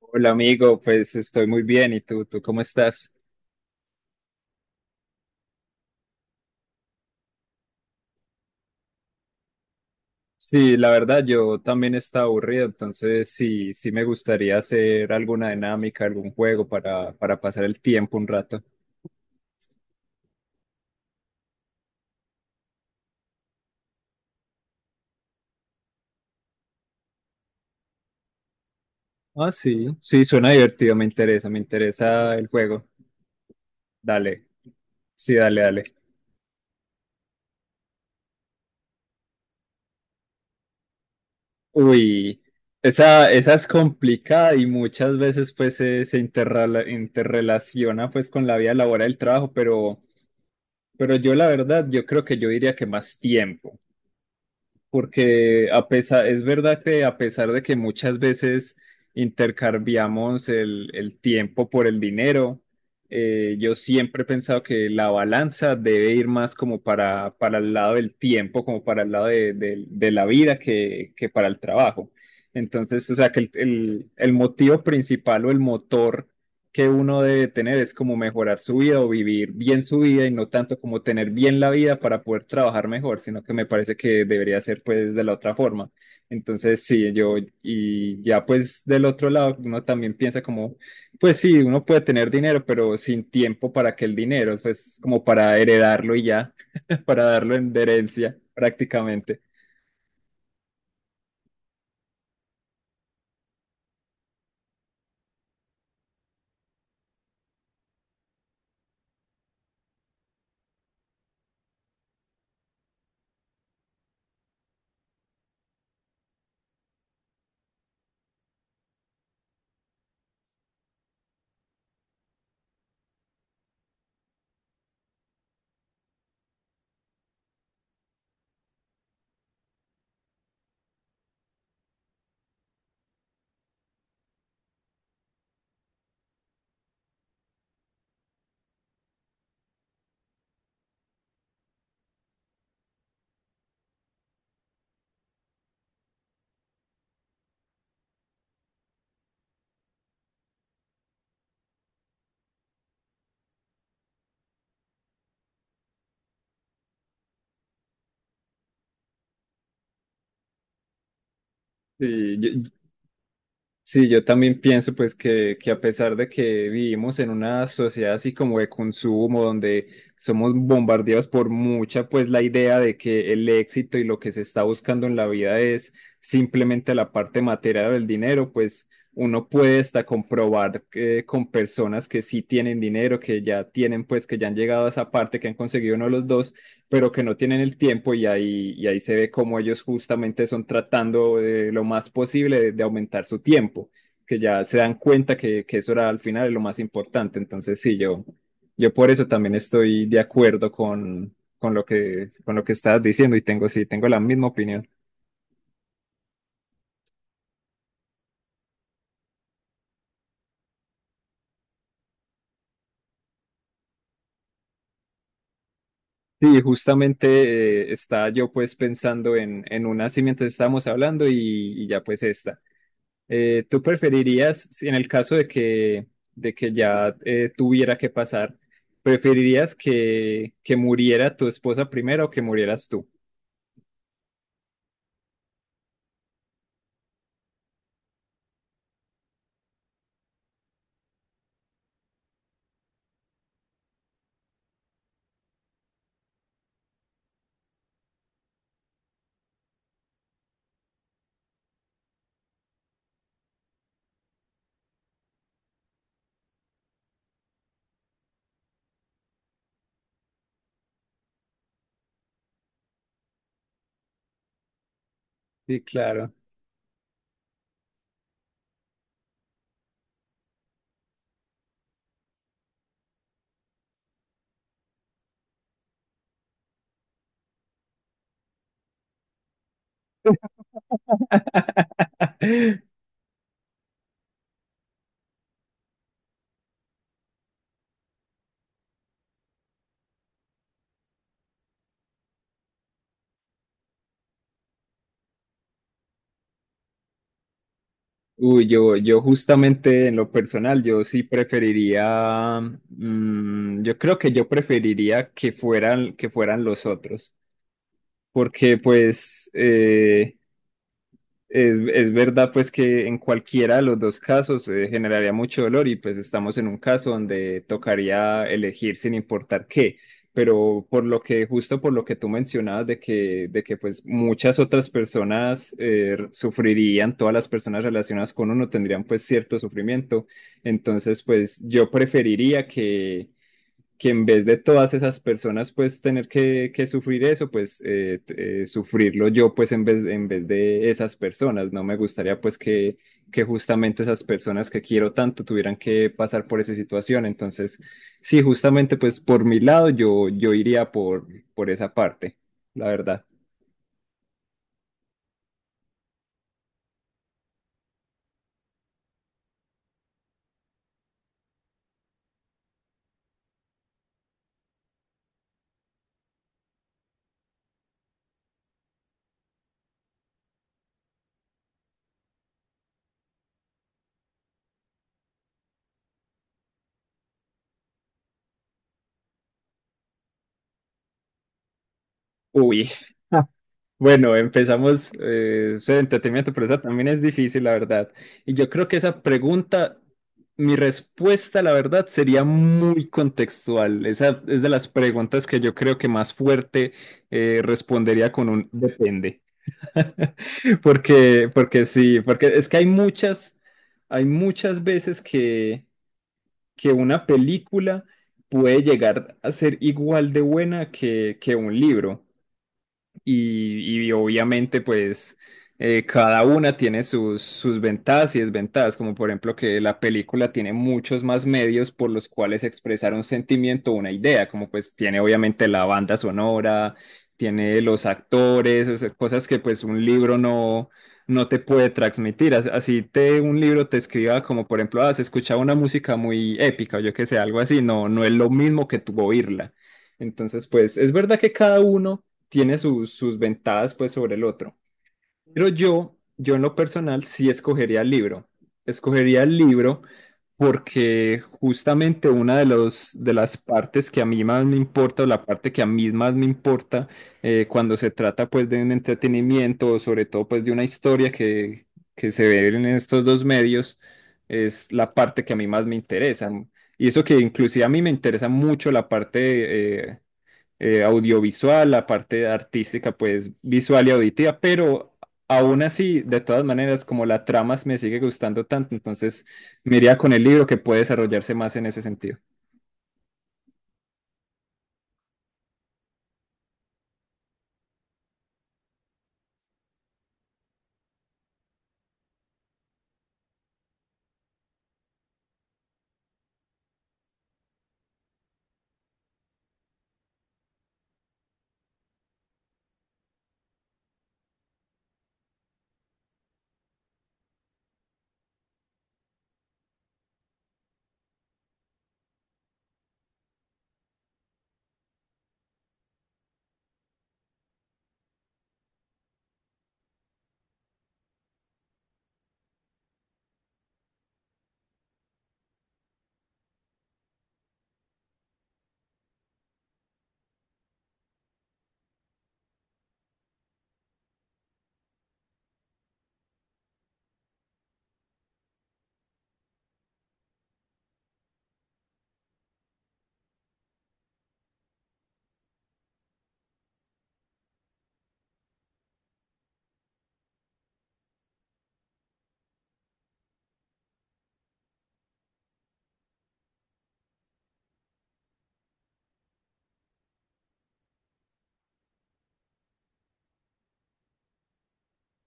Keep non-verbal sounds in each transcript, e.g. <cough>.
Hola amigo, pues estoy muy bien. ¿Y tú cómo estás? Sí, la verdad, yo también estaba aburrido, entonces sí me gustaría hacer alguna dinámica, algún juego para pasar el tiempo un rato. Ah, sí, sí, suena divertido, me interesa el juego. Dale, sí, dale, dale. Uy, esa es complicada y muchas veces pues interrelaciona pues con la vida laboral del trabajo, pero yo la verdad, yo creo que yo diría que más tiempo, porque a pesar, es verdad que a pesar de que muchas veces intercambiamos el tiempo por el dinero. Yo siempre he pensado que la balanza debe ir más como para el lado del tiempo, como para el lado de la vida que para el trabajo. Entonces, o sea, que el motivo principal o el motor que uno debe tener es como mejorar su vida o vivir bien su vida y no tanto como tener bien la vida para poder trabajar mejor, sino que me parece que debería ser pues de la otra forma. Entonces, sí, yo, y ya pues del otro lado, uno también piensa como, pues sí, uno puede tener dinero, pero sin tiempo, para que el dinero, pues como para heredarlo y ya, <laughs> para darlo en de herencia prácticamente. Sí, yo, sí, yo también pienso pues que a pesar de que vivimos en una sociedad así como de consumo, donde somos bombardeados por mucha, pues la idea de que el éxito y lo que se está buscando en la vida es simplemente la parte material del dinero, pues uno puede hasta comprobar, con personas que sí tienen dinero, que ya tienen, pues que ya han llegado a esa parte, que han conseguido uno de los dos, pero que no tienen el tiempo, y y ahí se ve cómo ellos justamente son tratando de lo más posible de aumentar su tiempo, que ya se dan cuenta que eso era al final lo más importante. Entonces, sí, yo por eso también estoy de acuerdo con lo con lo que estabas diciendo y tengo, sí, tengo la misma opinión. Sí, justamente, estaba yo pues pensando en una así mientras estábamos hablando, y ya pues esta. ¿Tú preferirías, si en el caso de que ya, tuviera que pasar, preferirías que muriera tu esposa primero o que murieras tú? Sí, claro. Uy, yo justamente en lo personal, yo sí preferiría, mm, yo creo que yo preferiría que fueran los otros, porque pues... es verdad pues que en cualquiera de los dos casos generaría mucho dolor, y pues estamos en un caso donde tocaría elegir sin importar qué, pero por lo que, justo por lo que tú mencionabas de de que pues muchas otras personas, sufrirían, todas las personas relacionadas con uno tendrían pues cierto sufrimiento, entonces pues yo preferiría que en vez de todas esas personas pues tener que sufrir eso, pues sufrirlo yo pues en en vez de esas personas. No me gustaría pues que justamente esas personas que quiero tanto tuvieran que pasar por esa situación. Entonces sí, justamente pues por mi lado yo, yo iría por esa parte, la verdad. Uy, bueno, empezamos, eso de entretenimiento, pero esa también es difícil, la verdad. Y yo creo que esa pregunta, mi respuesta, la verdad, sería muy contextual. Esa es de las preguntas que yo creo que más fuerte, respondería con un depende. <laughs> Porque, porque sí, porque es que hay hay muchas veces que una película puede llegar a ser igual de buena que un libro. Y, y obviamente pues, cada una tiene sus, sus ventajas y desventajas, como por ejemplo que la película tiene muchos más medios por los cuales expresar un sentimiento o una idea, como pues tiene obviamente la banda sonora, tiene los actores, o sea, cosas que pues un libro no... no te puede transmitir. As- así te un libro te escriba como por ejemplo, ah, se escucha una música muy épica o yo que sé, algo así, no, no es lo mismo que tú oírla. Entonces, pues es verdad que cada uno tiene sus, sus ventajas pues sobre el otro. Pero yo en lo personal sí escogería el libro. Escogería el libro porque justamente una de las partes que a mí más me importa, o la parte que a mí más me importa, cuando se trata pues de un entretenimiento, o sobre todo pues de una historia que se ve en estos dos medios, es la parte que a mí más me interesa. Y eso que inclusive a mí me interesa mucho la parte audiovisual, la parte artística, pues visual y auditiva, pero aún así, de todas maneras, como la trama me sigue gustando tanto, entonces me iría con el libro, que puede desarrollarse más en ese sentido.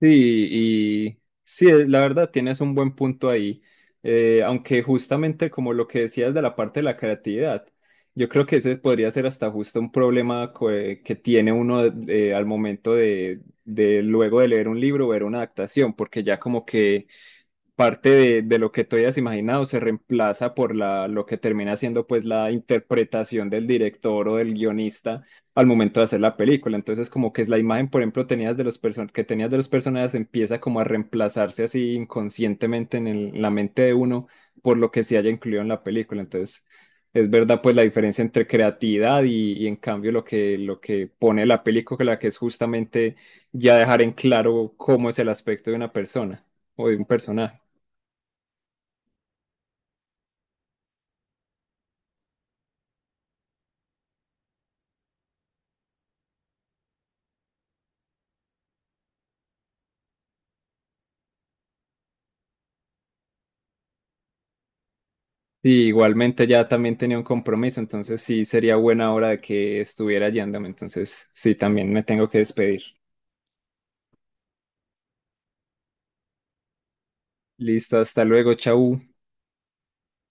Sí, y sí, la verdad tienes un buen punto ahí. Aunque justamente como lo que decías de la parte de la creatividad, yo creo que ese podría ser hasta justo un problema que tiene uno, al momento de luego de leer un libro ver una adaptación, porque ya como que parte de lo que tú hayas imaginado se reemplaza por la, lo que termina siendo pues la interpretación del director o del guionista al momento de hacer la película. Entonces como que es la imagen, por ejemplo, tenías de los person- que tenías de los personajes empieza como a reemplazarse así inconscientemente en la mente de uno por lo que se haya incluido en la película. Entonces es verdad pues la diferencia entre creatividad y en cambio lo lo que pone la película, que es justamente ya dejar en claro cómo es el aspecto de una persona o de un personaje. Sí, igualmente ya también tenía un compromiso, entonces sí sería buena hora de que estuviera yéndome, entonces sí, también me tengo que despedir. Listo, hasta luego, chau.